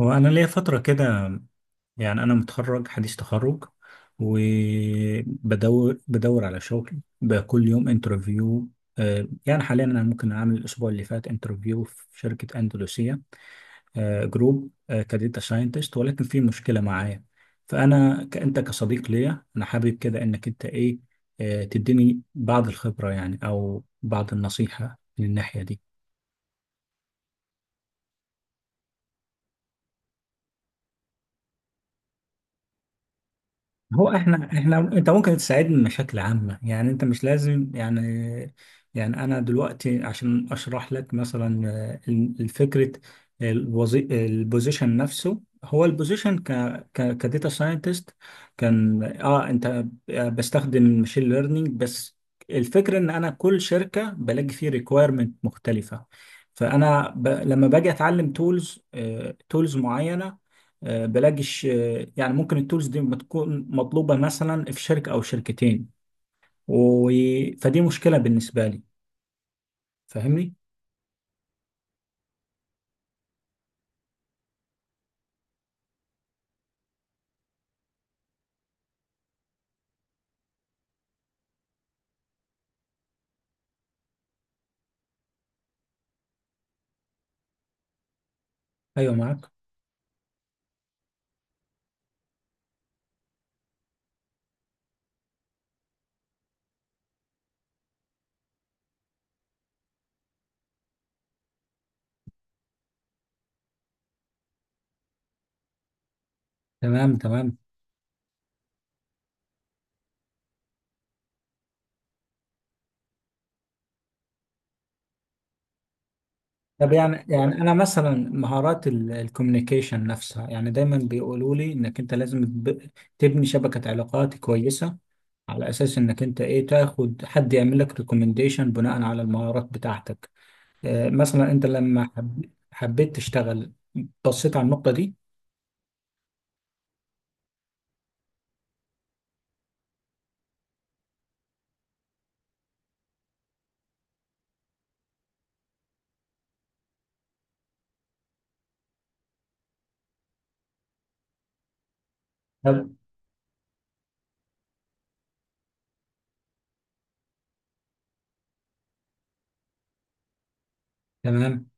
هو أنا ليا فترة كده. أنا متخرج حديث تخرج، وبدور على شغل بكل يوم انترفيو. يعني حاليا أنا ممكن أعمل الأسبوع اللي فات انترفيو في شركة أندلسية جروب، كديتا ساينتست، ولكن في مشكلة معايا. فأنا أنت كصديق ليا أنا حابب كده إنك أنت إيه تديني بعض الخبرة، يعني أو بعض النصيحة من الناحية دي. هو احنا احنا انت ممكن تساعدني بشكل عام، يعني انت مش لازم يعني. يعني انا دلوقتي عشان اشرح لك مثلا، الفكره، البوزيشن نفسه، هو البوزيشن ك ك كداتا ساينتست، كان انت بستخدم ماشين ليرنينج بس. الفكره ان انا كل شركه بلاقي فيه ريكويرمنت مختلفه، فانا لما باجي اتعلم تولز تولز معينه، بلاقيش يعني ممكن التولز دي ما تكون مطلوبة مثلا في شركة أو شركتين و... فدي مشكلة بالنسبة لي. فاهمني؟ أيوه معاك. تمام تمام. طب يعني أنا مثلا مهارات الكوميونيكيشن نفسها، يعني دايما بيقولوا لي إنك أنت لازم تبني شبكة علاقات كويسة، على أساس إنك أنت إيه تاخد حد يعمل لك ريكومنديشن بناء على المهارات بتاعتك. مثلا أنت لما حبيت تشتغل، بصيت على النقطة دي. طب. تمام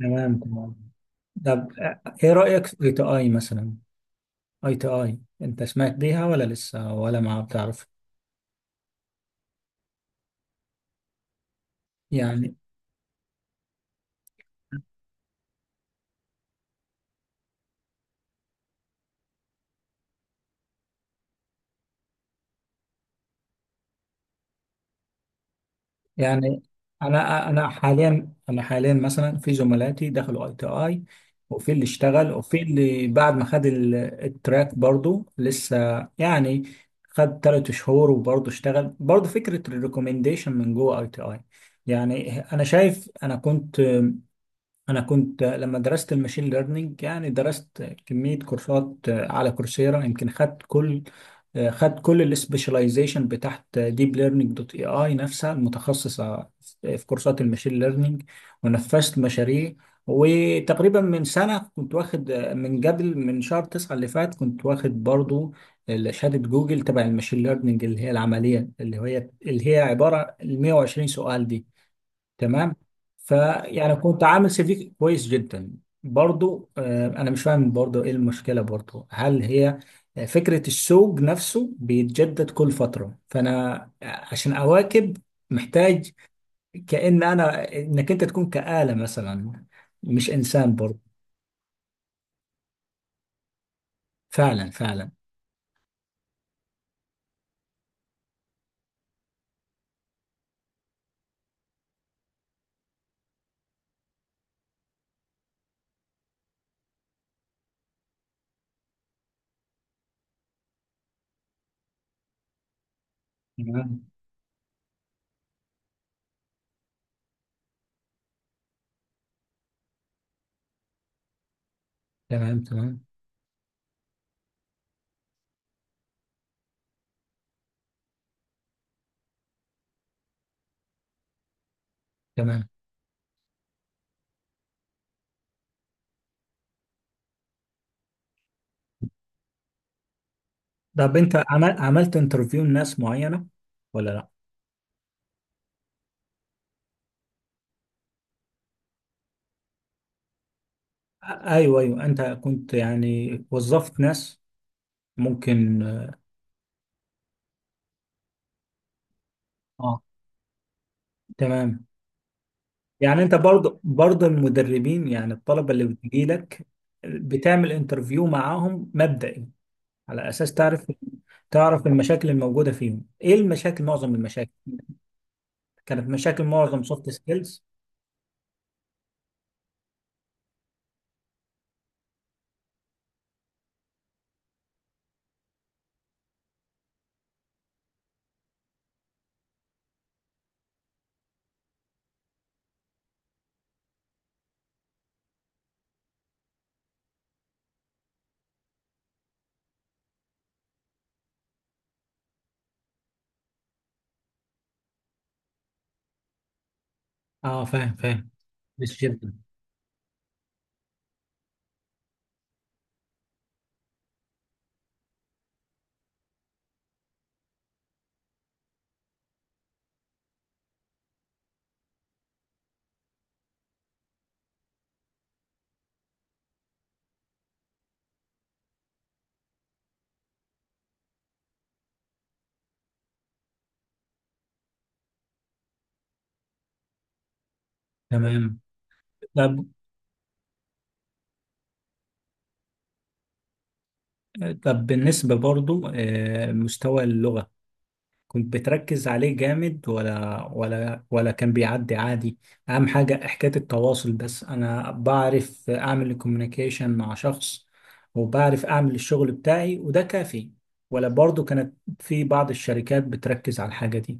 تمام تمام. طب ايه رأيك في اي تي اي مثلا؟ اي تي اي انت سمعت بيها ولا لسه ولا ما بتعرف؟ يعني يعني انا حاليا مثلا في زملاتي دخلوا اي تي اي، وفي اللي اشتغل، وفي اللي بعد ما خد التراك برضو لسه، يعني خد 3 شهور وبرضه اشتغل، برضه فكرة الريكومنديشن من جوه اي تي اي. يعني انا شايف، انا كنت لما درست الماشين ليرنينج، يعني درست كمية كورسات على كورسيرا، يمكن خدت كل السبيشاليزيشن بتاعت ديب ليرنينج دوت اي اي، نفسها المتخصصة في كورسات الماشين ليرنينج، ونفذت مشاريع. وتقريبا من سنة كنت واخد، من قبل من شهر تسعة اللي فات، كنت واخد برضو شهادة جوجل تبع الماشين ليرنينج، اللي هي العملية، اللي هي اللي هي عبارة ال 120 سؤال دي. تمام. فيعني كنت عامل سي في كويس جدا. برضو انا مش فاهم برضو ايه المشكله برضو؟ هل هي فكره السوق نفسه بيتجدد كل فتره، فانا عشان اواكب محتاج كأن انا، انك انت تكون كآلة مثلا مش انسان برضو؟ فعلا فعلا. تمام تمام تمام تمام. طب انت عملت انترفيو لناس معينه ولا لا؟ ايوه ايوه، انت كنت يعني وظفت ناس ممكن اه؟ تمام. يعني انت برضه المدربين، يعني الطلبه اللي بتجي لك، بتعمل انترفيو معاهم مبدئي، على اساس تعرف المشاكل الموجوده فيهم، ايه المشاكل؟ معظم المشاكل كانت مشاكل معظم سوفت سكيلز. اه، فاهم فاهم. بس جدا. تمام. طب طب بالنسبه برضه مستوى اللغه كنت بتركز عليه جامد، ولا كان بيعدي عادي؟ اهم حاجة حكاية التواصل بس، انا بعرف اعمل الكوميونيكيشن مع شخص، وبعرف اعمل الشغل بتاعي، وده كافي؟ ولا برضو كانت في بعض الشركات بتركز على الحاجة دي؟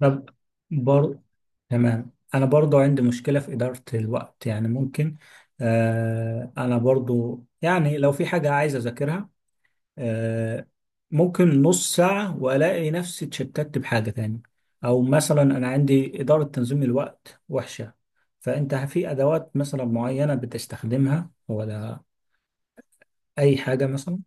طب برضو، تمام، انا برضو عندي مشكلة في إدارة الوقت، يعني ممكن، انا برضو يعني لو في حاجة عايز اذاكرها، آه، ممكن نص ساعة وألاقي نفسي اتشتت بحاجة تاني، أو مثلا أنا عندي إدارة تنظيم الوقت وحشة. فأنت في أدوات مثلا معينة بتستخدمها، ولا أي حاجة مثلا؟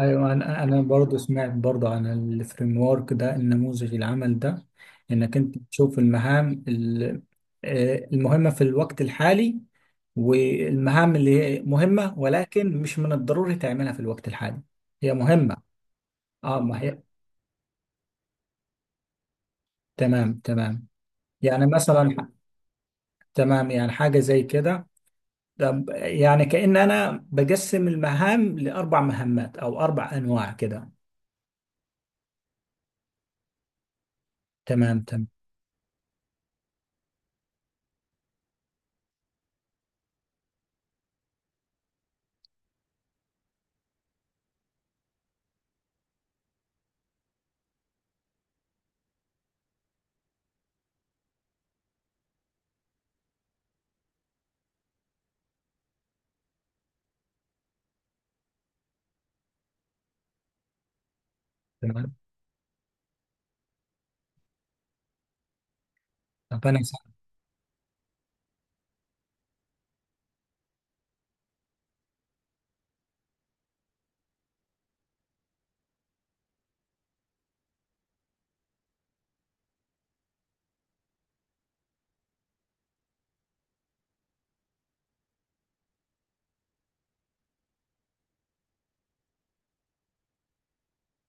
أيوة، أنا برضه سمعت برضه عن الفريم ورك ده، النموذج العمل ده، إنك أنت تشوف المهام، المهمة في الوقت الحالي، والمهام اللي هي مهمة ولكن مش من الضروري تعملها في الوقت الحالي، هي مهمة. اه ما هي. تمام تمام. يعني مثلا تمام، يعني حاجة زي كده. طب يعني كأن أنا بقسم المهام لأربع مهمات أو 4 أنواع كده. تمام تمام تمام. طب أنا سعيد.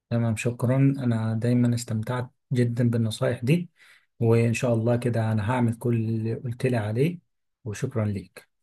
تمام، شكرا، أنا دايما استمتعت جدا بالنصايح دي، وإن شاء الله كده أنا هعمل كل اللي قلت لي عليه، وشكرا ليك.